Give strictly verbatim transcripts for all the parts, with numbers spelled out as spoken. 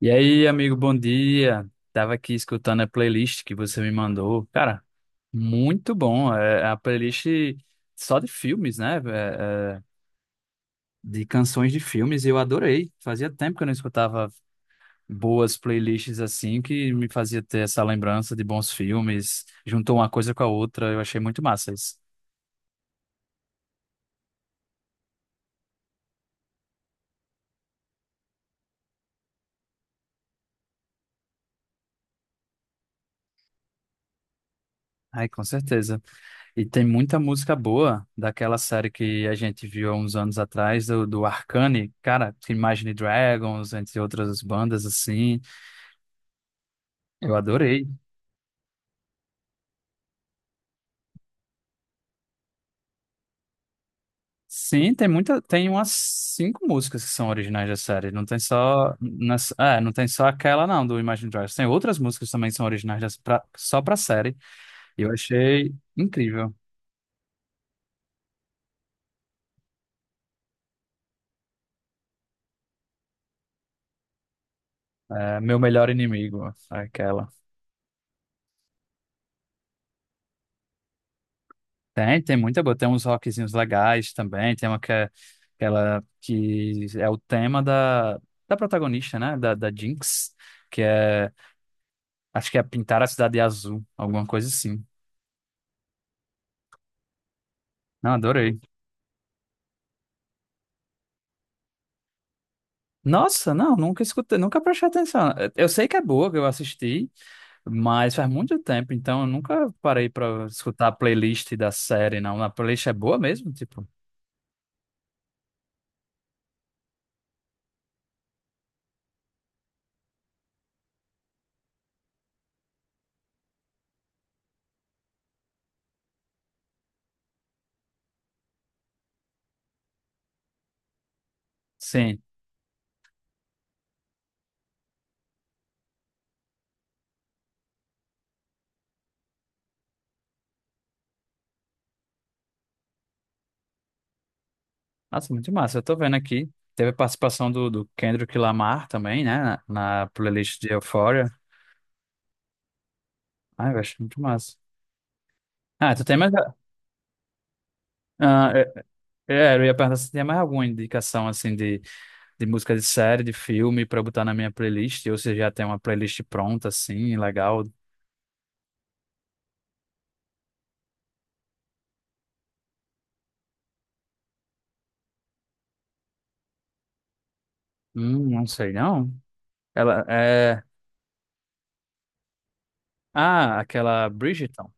E aí, amigo, bom dia. Tava aqui escutando a playlist que você me mandou. Cara, muito bom. É é a playlist só de filmes, né? É, é, de canções de filmes. e Eu adorei. Fazia tempo que eu não escutava boas playlists assim, que me fazia ter essa lembrança de bons filmes. Juntou uma coisa com a outra. Eu achei muito massa isso. Ai, com certeza. E tem muita música boa daquela série que a gente viu há uns anos atrás, do, do Arcane, cara, Imagine Dragons, entre outras bandas assim. Eu adorei. Sim, tem muita, tem umas cinco músicas que são originais da série. Não tem só, nas, é, não tem só aquela não do Imagine Dragons. Tem outras músicas também que são originais das, pra, só pra série. E eu achei incrível. É, Meu Melhor Inimigo, aquela. Tem, tem muita boa. Tem uns rockzinhos legais também. Tem uma que é aquela que é o tema da, da protagonista, né? Da, da Jinx, que é. Acho que é pintar a cidade de azul, alguma coisa assim. Não, adorei. Nossa, não, nunca escutei, nunca prestei atenção. Eu sei que é boa, que eu assisti, mas faz muito tempo, então eu nunca parei pra escutar a playlist da série, não. A playlist é boa mesmo, tipo. Sim. Nossa, muito massa. Eu tô vendo aqui. Teve a participação do, do Kendrick Lamar também, né? Na, na playlist de Euphoria. Ai, eu acho muito massa. Ah, tu tem mais. Ah, é, é, eu ia perguntar se tem mais alguma indicação, assim, de, de música de série, de filme, pra eu botar na minha playlist. Ou se já tem uma playlist pronta, assim, legal. Hum, não sei, não. Ela é. Ah, aquela Bridgerton.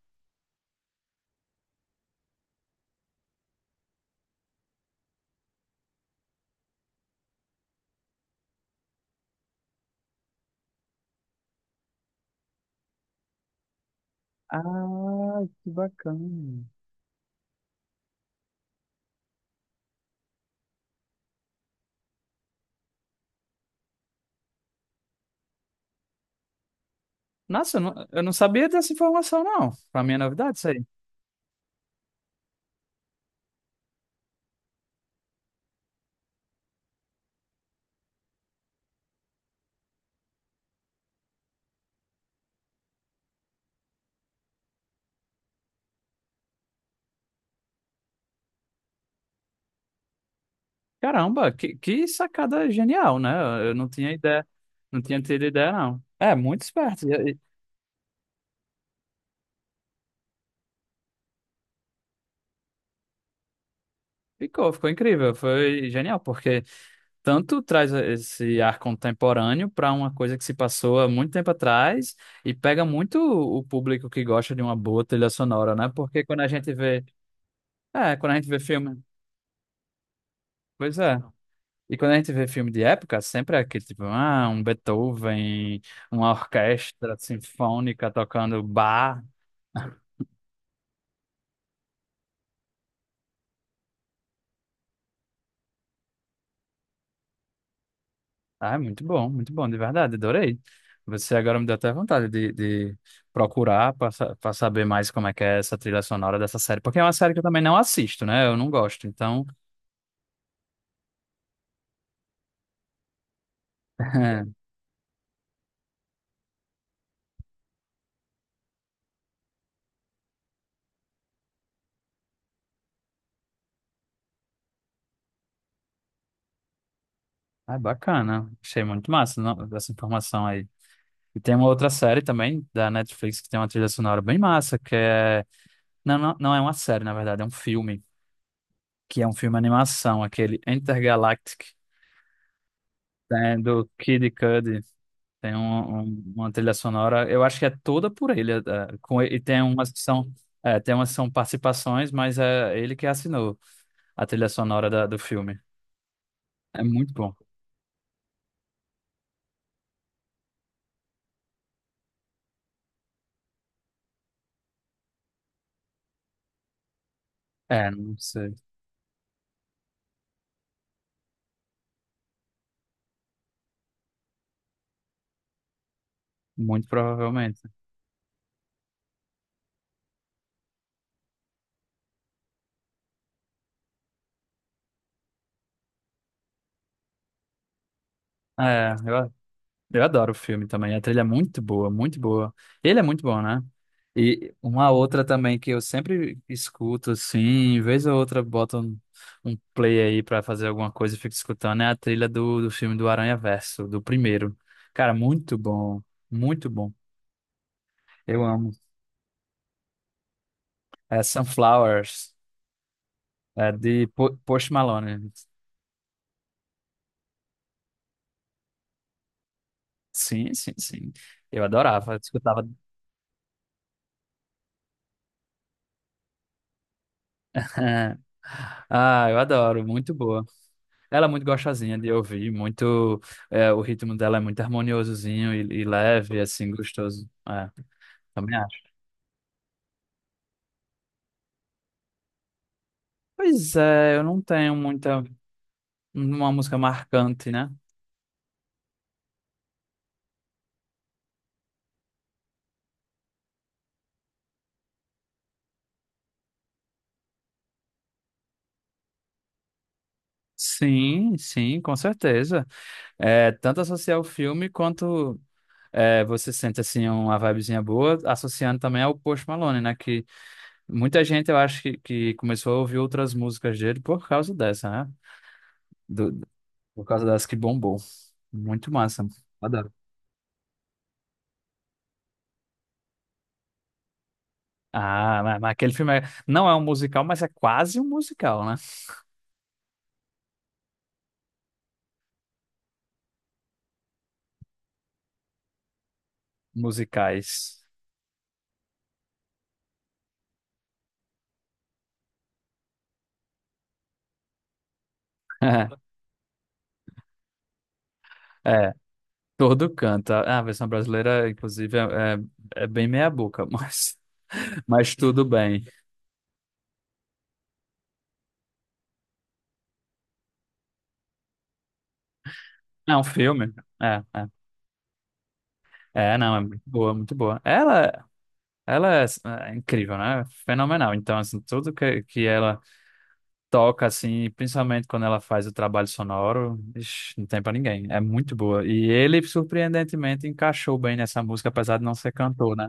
Ah, que bacana. Nossa, eu não, eu não sabia dessa informação, não. Pra mim é novidade isso aí. Caramba, que, que sacada genial, né? Eu não tinha ideia, não tinha tido ideia, não. É, muito esperto. E- e Ficou, ficou incrível, foi genial, porque tanto traz esse ar contemporâneo para uma coisa que se passou há muito tempo atrás e pega muito o público que gosta de uma boa trilha sonora, né? Porque quando a gente vê, é, quando a gente vê filme, pois é. E quando a gente vê filme de época, sempre é aquele tipo, ah, um Beethoven, uma orquestra sinfônica tocando Bach. Ah, muito bom, muito bom, de verdade, adorei. Você agora me deu até vontade de, de procurar para saber mais como é que é essa trilha sonora dessa série, porque é uma série que eu também não assisto, né? Eu não gosto, então ah, bacana. Achei muito massa não, essa informação aí. E tem uma outra série também da Netflix que tem uma trilha sonora bem massa, que é... Não, não, não é uma série, na verdade, é um filme, que é um filme animação, aquele Intergalactic, né, do Kid Cudi. Tem um, um- uma trilha sonora, eu acho que é toda por ele, é, com, e tem umas que são, é, tem umas que são participações, mas é ele que assinou a trilha sonora da- do filme. É muito bom. É, não sei, muito provavelmente. É, eu, Eu adoro o filme também. A trilha é muito boa, muito boa. Ele é muito bom, né? E uma outra também que eu sempre escuto, assim, vez ou outra boto um, um play aí pra fazer alguma coisa e fico escutando, é a trilha do, do filme do Aranha-Verso, do primeiro. Cara, muito bom, muito bom. Eu amo. É Sunflowers, é de Po- Post Malone. Sim, sim, sim. Eu adorava, eu escutava. Ah, eu adoro, muito boa. Ela é muito gostosinha de ouvir, muito, é, o ritmo dela é muito harmoniosozinho e, e leve, assim, gostoso. É, também acho. Pois é, eu não tenho muita, uma música marcante, né? Sim, sim, com certeza. É, tanto associar o filme quanto é, você sente assim uma vibezinha boa, associando também ao Post Malone, né? Que muita gente eu acho que, que começou a ouvir outras músicas dele por causa dessa, né? Do, por causa dessa que bombou. Muito massa. Adoro. Ah, mas, mas aquele filme é- não é um musical, mas é quase um musical, né? Musicais. É, todo canta. A versão brasileira, inclusive, é, é, é bem meia-boca, mas, mas tudo bem. É um filme. É, é. É, não, é muito boa, muito boa. Ela, ela é, é, incrível, né? Fenomenal. Então, assim, tudo que, que ela toca, assim, principalmente quando ela faz o trabalho sonoro, ixi, não tem pra ninguém. É muito boa. E ele, surpreendentemente, encaixou bem nessa música, apesar de não ser cantor, né?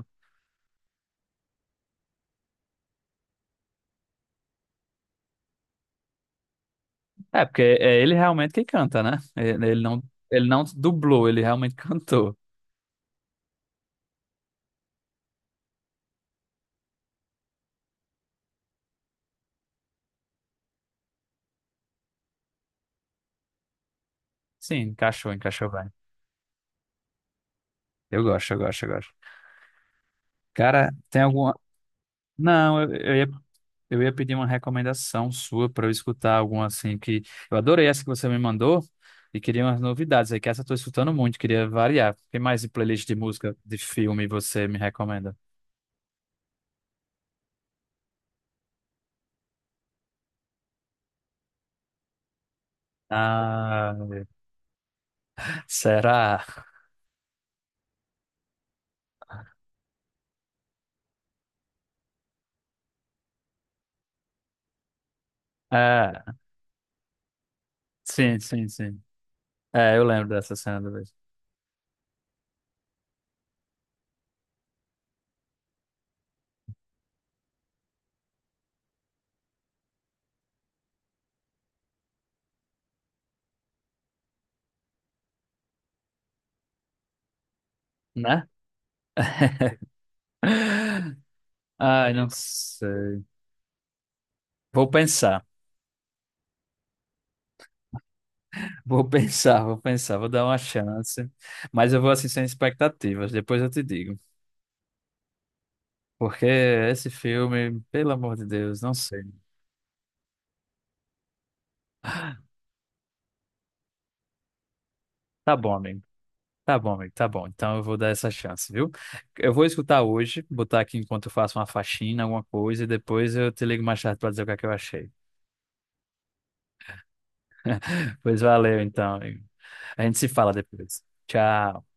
É, porque é ele realmente que canta, né? Ele ele não, ele não dublou, ele realmente cantou. Sim, encaixou, encaixou bem. Eu gosto, eu gosto, eu gosto. Cara, tem alguma. Não, eu, eu ia, eu ia pedir uma recomendação sua pra eu escutar alguma assim que. Eu adorei essa que você me mandou e queria umas novidades aí, que essa eu tô escutando muito, queria variar. O que mais de playlist de música, de filme você me recomenda? Ah, será? É, sim, sim, sim. É, eu lembro dessa cena do beijo, né? Ai, não sei. Vou pensar. Vou pensar, vou pensar, vou dar uma chance. Mas eu vou assim sem expectativas, depois eu te digo. Porque esse filme, pelo amor de Deus, não sei. Tá bom, amigo. Tá bom, amigo. Tá bom. Então eu vou dar essa chance, viu? Eu vou escutar hoje, botar aqui enquanto eu faço uma faxina, alguma coisa, e depois eu te ligo mais tarde pra dizer o que é que eu achei. Pois valeu, então, amigo. A gente se fala depois. Tchau.